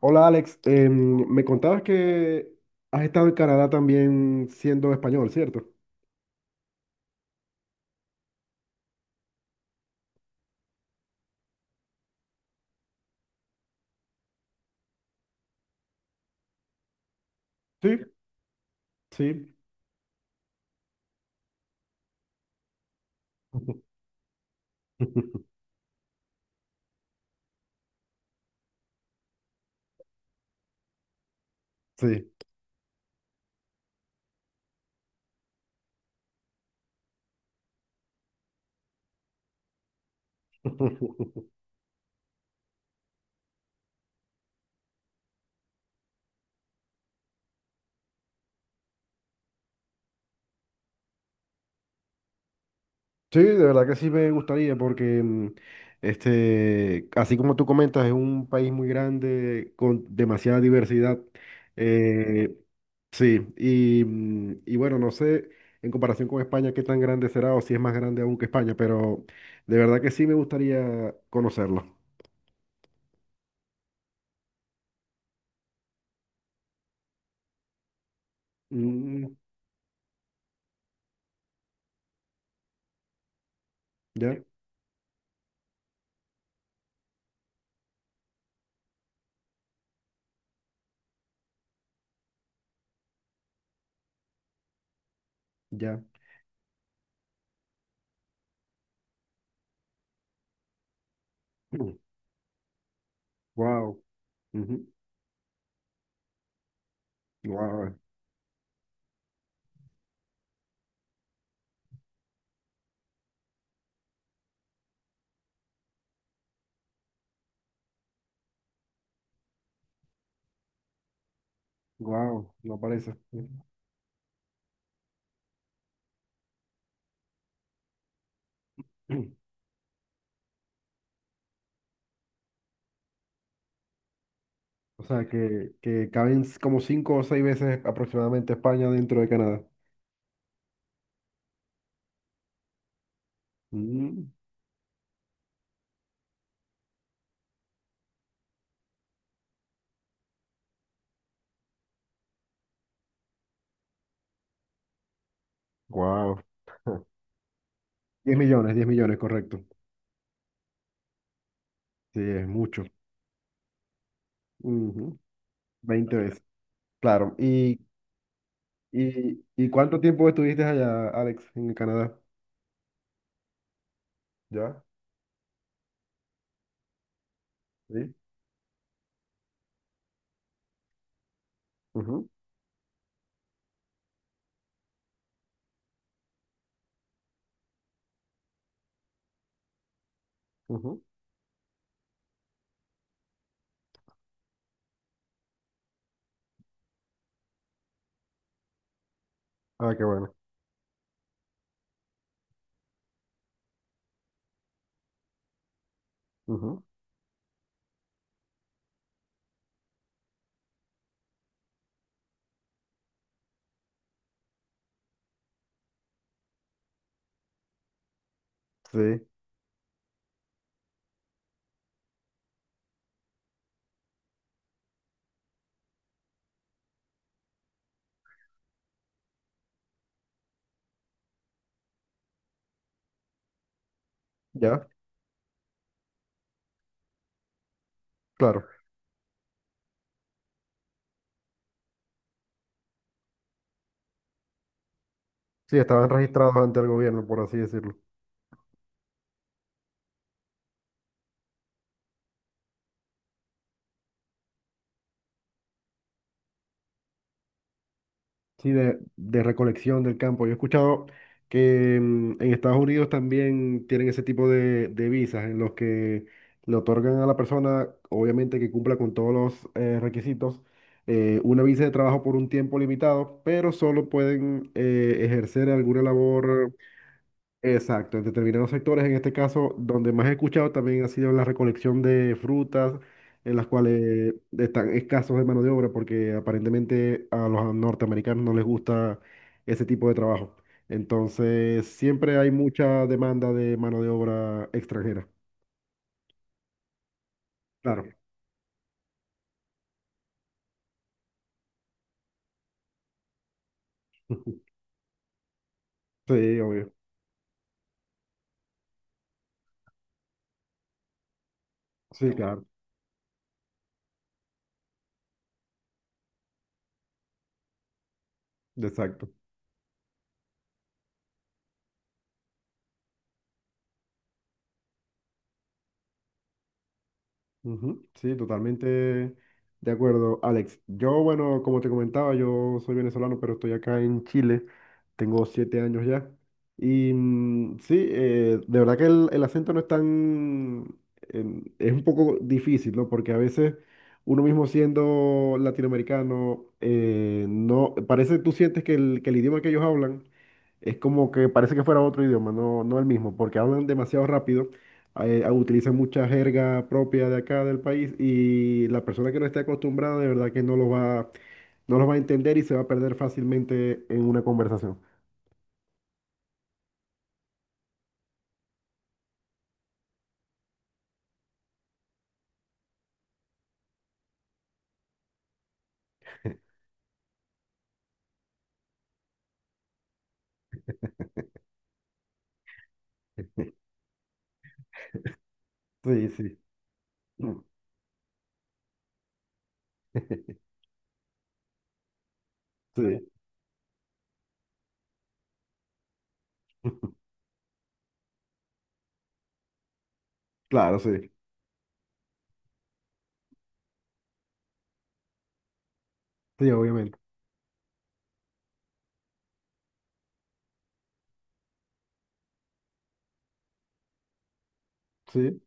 Hola Alex, me contabas que has estado en Canadá también siendo español, ¿cierto? Sí, sí. Sí. Sí, de verdad que sí me gustaría porque este, así como tú comentas, es un país muy grande con demasiada diversidad. Eh, sí, y, y bueno, no sé en comparación con España qué tan grande será o si es más grande aún que España, pero de verdad que sí me gustaría conocerlo. Mm. ¿Ya? Ya. Wow. Wow. Wow. No parece. Ujú. O sea que caben como cinco o seis veces aproximadamente España dentro de Canadá. Wow. 10 millones, 10 millones, correcto. Sí, es mucho. Ujú. 20 veces. Claro. ¿Y cuánto tiempo estuviste allá, Alex, en Canadá? Ya. Sí. Ujú, ujú. Ah, qué bueno. Ujú. Sí, ya, claro. Sí, estaban registrados ante el gobierno, por así decirlo. Sí, de recolección del campo. Yo he escuchado que en Estados Unidos también tienen ese tipo de visas en los que le otorgan a la persona, obviamente que cumpla con todos los requisitos, una visa de trabajo por un tiempo limitado, pero solo pueden ejercer alguna labor. Exacto, en determinados sectores, en este caso, donde más he escuchado también ha sido en la recolección de frutas, en las cuales están escasos de mano de obra, porque aparentemente a los norteamericanos no les gusta ese tipo de trabajo. Entonces, siempre hay mucha demanda de mano de obra extranjera. Claro. Sí, obvio. Sí, claro. Exacto. Ujú. Sí, totalmente de acuerdo, Alex. Yo, bueno, como te comentaba, yo soy venezolano, pero estoy acá en Chile. Tengo 7 años ya. Y sí, de verdad que el acento no es tan... en- es un poco difícil, ¿no? Porque a veces uno mismo siendo latinoamericano, no... Parece, tú sientes que el idioma que ellos hablan es como que parece que fuera otro idioma, no, no el mismo, porque hablan demasiado rápido utiliza mucha jerga propia de acá del país y la persona que no esté acostumbrada de verdad que no lo va a entender y se va a perder fácilmente en una conversación. Sí, sí. Sí, claro, sí. Sí, obviamente. Sí,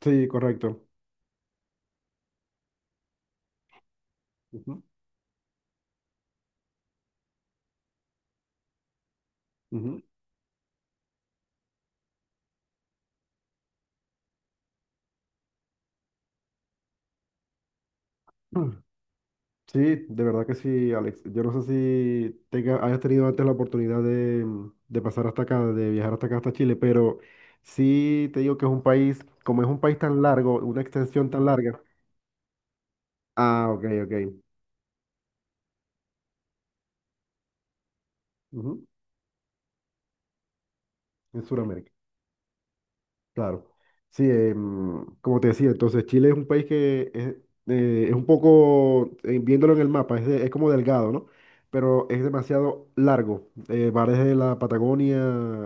sí, correcto. Ujú, ujú. Sí, de verdad que sí, Alex. Yo no sé si hayas tenido antes la oportunidad de, de pasar hasta acá, de viajar hasta acá, hasta Chile, pero sí te digo que es un país, como es un país tan largo, una extensión tan larga. Ah, ok, ok. Ujú. En Sudamérica. Claro. Sí, como te decía, entonces Chile es un país que es un poco, viéndolo en el mapa, es como delgado, ¿no? Pero es demasiado largo. Va desde la Patagonia,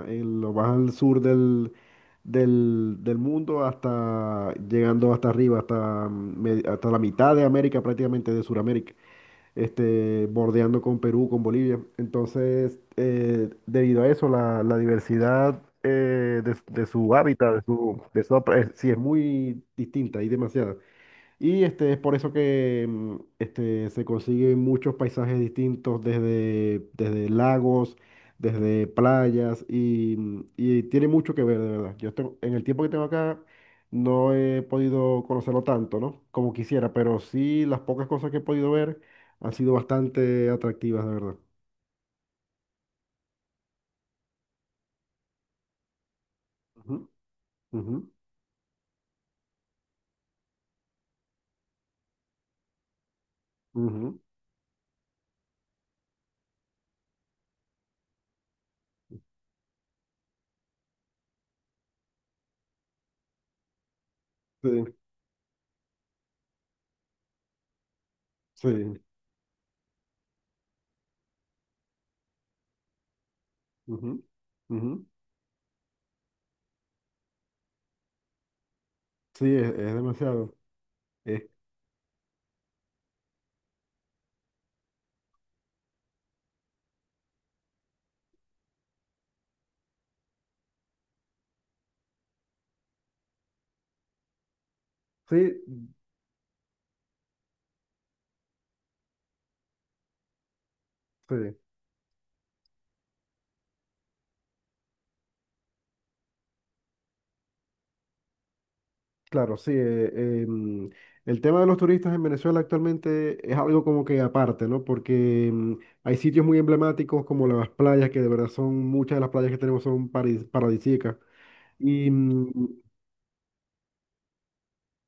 lo vas al sur del mundo hasta llegando hasta arriba, hasta la mitad de América, prácticamente de Sudamérica este, bordeando con Perú, con Bolivia. Entonces, debido a eso, la diversidad de su hábitat, sí, es muy distinta, hay demasiada. Y este, es por eso que este, se consiguen muchos paisajes distintos, desde lagos, desde playas, y, y tiene mucho que ver, de verdad. En el tiempo que tengo acá no he podido conocerlo tanto, ¿no? Como quisiera, pero sí las pocas cosas que he podido ver han sido bastante atractivas, de verdad. Ujú, ujú, ujú. Sí, sí. Ujú, ujú. Sí, es demasiado. Es- sí, sí. Claro, sí. Em, el tema de los turistas en Venezuela actualmente es algo como que aparte, ¿no? Porque hay sitios muy emblemáticos como las playas, que de verdad son, muchas de las playas que tenemos son paradisíacas. Y, mm.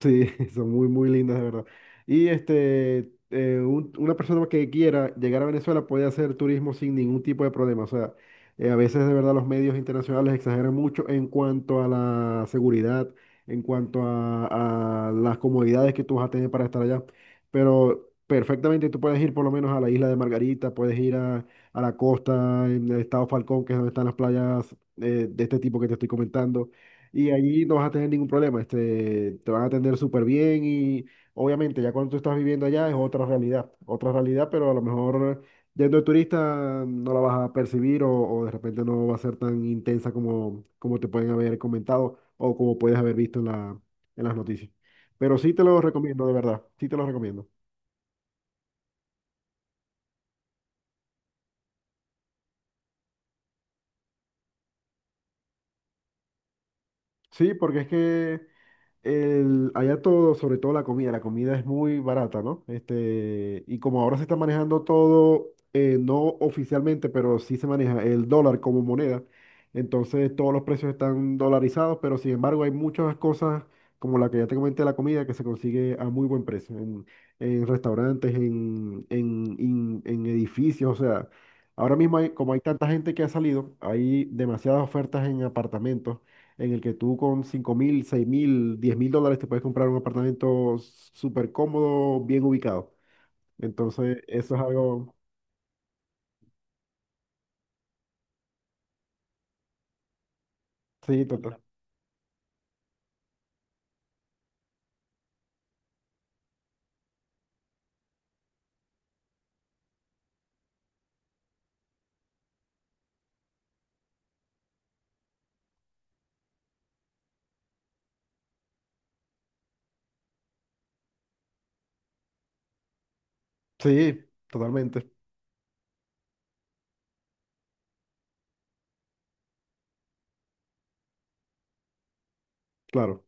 Sí, son muy, muy lindas, de verdad. Y este, una persona que quiera llegar a Venezuela puede hacer turismo sin ningún tipo de problema. O sea, a veces de verdad los medios internacionales exageran mucho en cuanto a la seguridad, en cuanto a las comodidades que tú vas a tener para estar allá. Pero perfectamente tú puedes ir por lo menos a la isla de Margarita, puedes ir a la costa en el estado Falcón, que es donde están las playas de este tipo que te estoy comentando y allí no vas a tener ningún problema, este, te van a atender súper bien y obviamente ya cuando tú estás viviendo allá es otra realidad, pero a lo mejor yendo de turista no la vas a percibir o de repente no va a ser tan intensa como te pueden haber comentado o como puedes haber visto en la, en las noticias. Pero sí te lo recomiendo, de verdad, sí te lo recomiendo. Sí, porque es que el, allá todo, sobre todo la comida es muy barata, ¿no? Este, y como ahora se está manejando todo, no oficialmente, pero sí se maneja el dólar como moneda, entonces todos los precios están dolarizados, pero sin embargo hay muchas cosas, como la que ya te comenté, la comida, que se consigue a muy buen precio, en restaurantes, en edificios, o sea, ahora mismo como hay tanta gente que ha salido, hay demasiadas ofertas en apartamentos en el que tú con 5.000, 6.000, 10.000 dólares te puedes comprar un apartamento súper cómodo, bien ubicado. Entonces, eso es algo, sí, total, sí, totalmente, claro,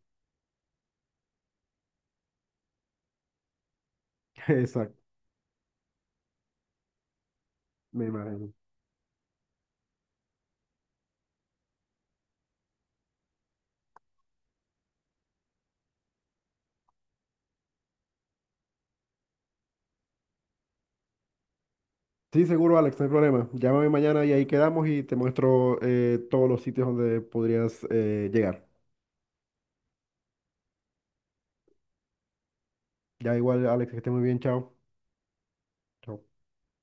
exacto, me imagino. Sí, seguro, Alex, no hay problema. Llámame mañana y ahí quedamos y te muestro todos los sitios donde podrías llegar. Ya igual, Alex, que esté muy bien, chao. Chao.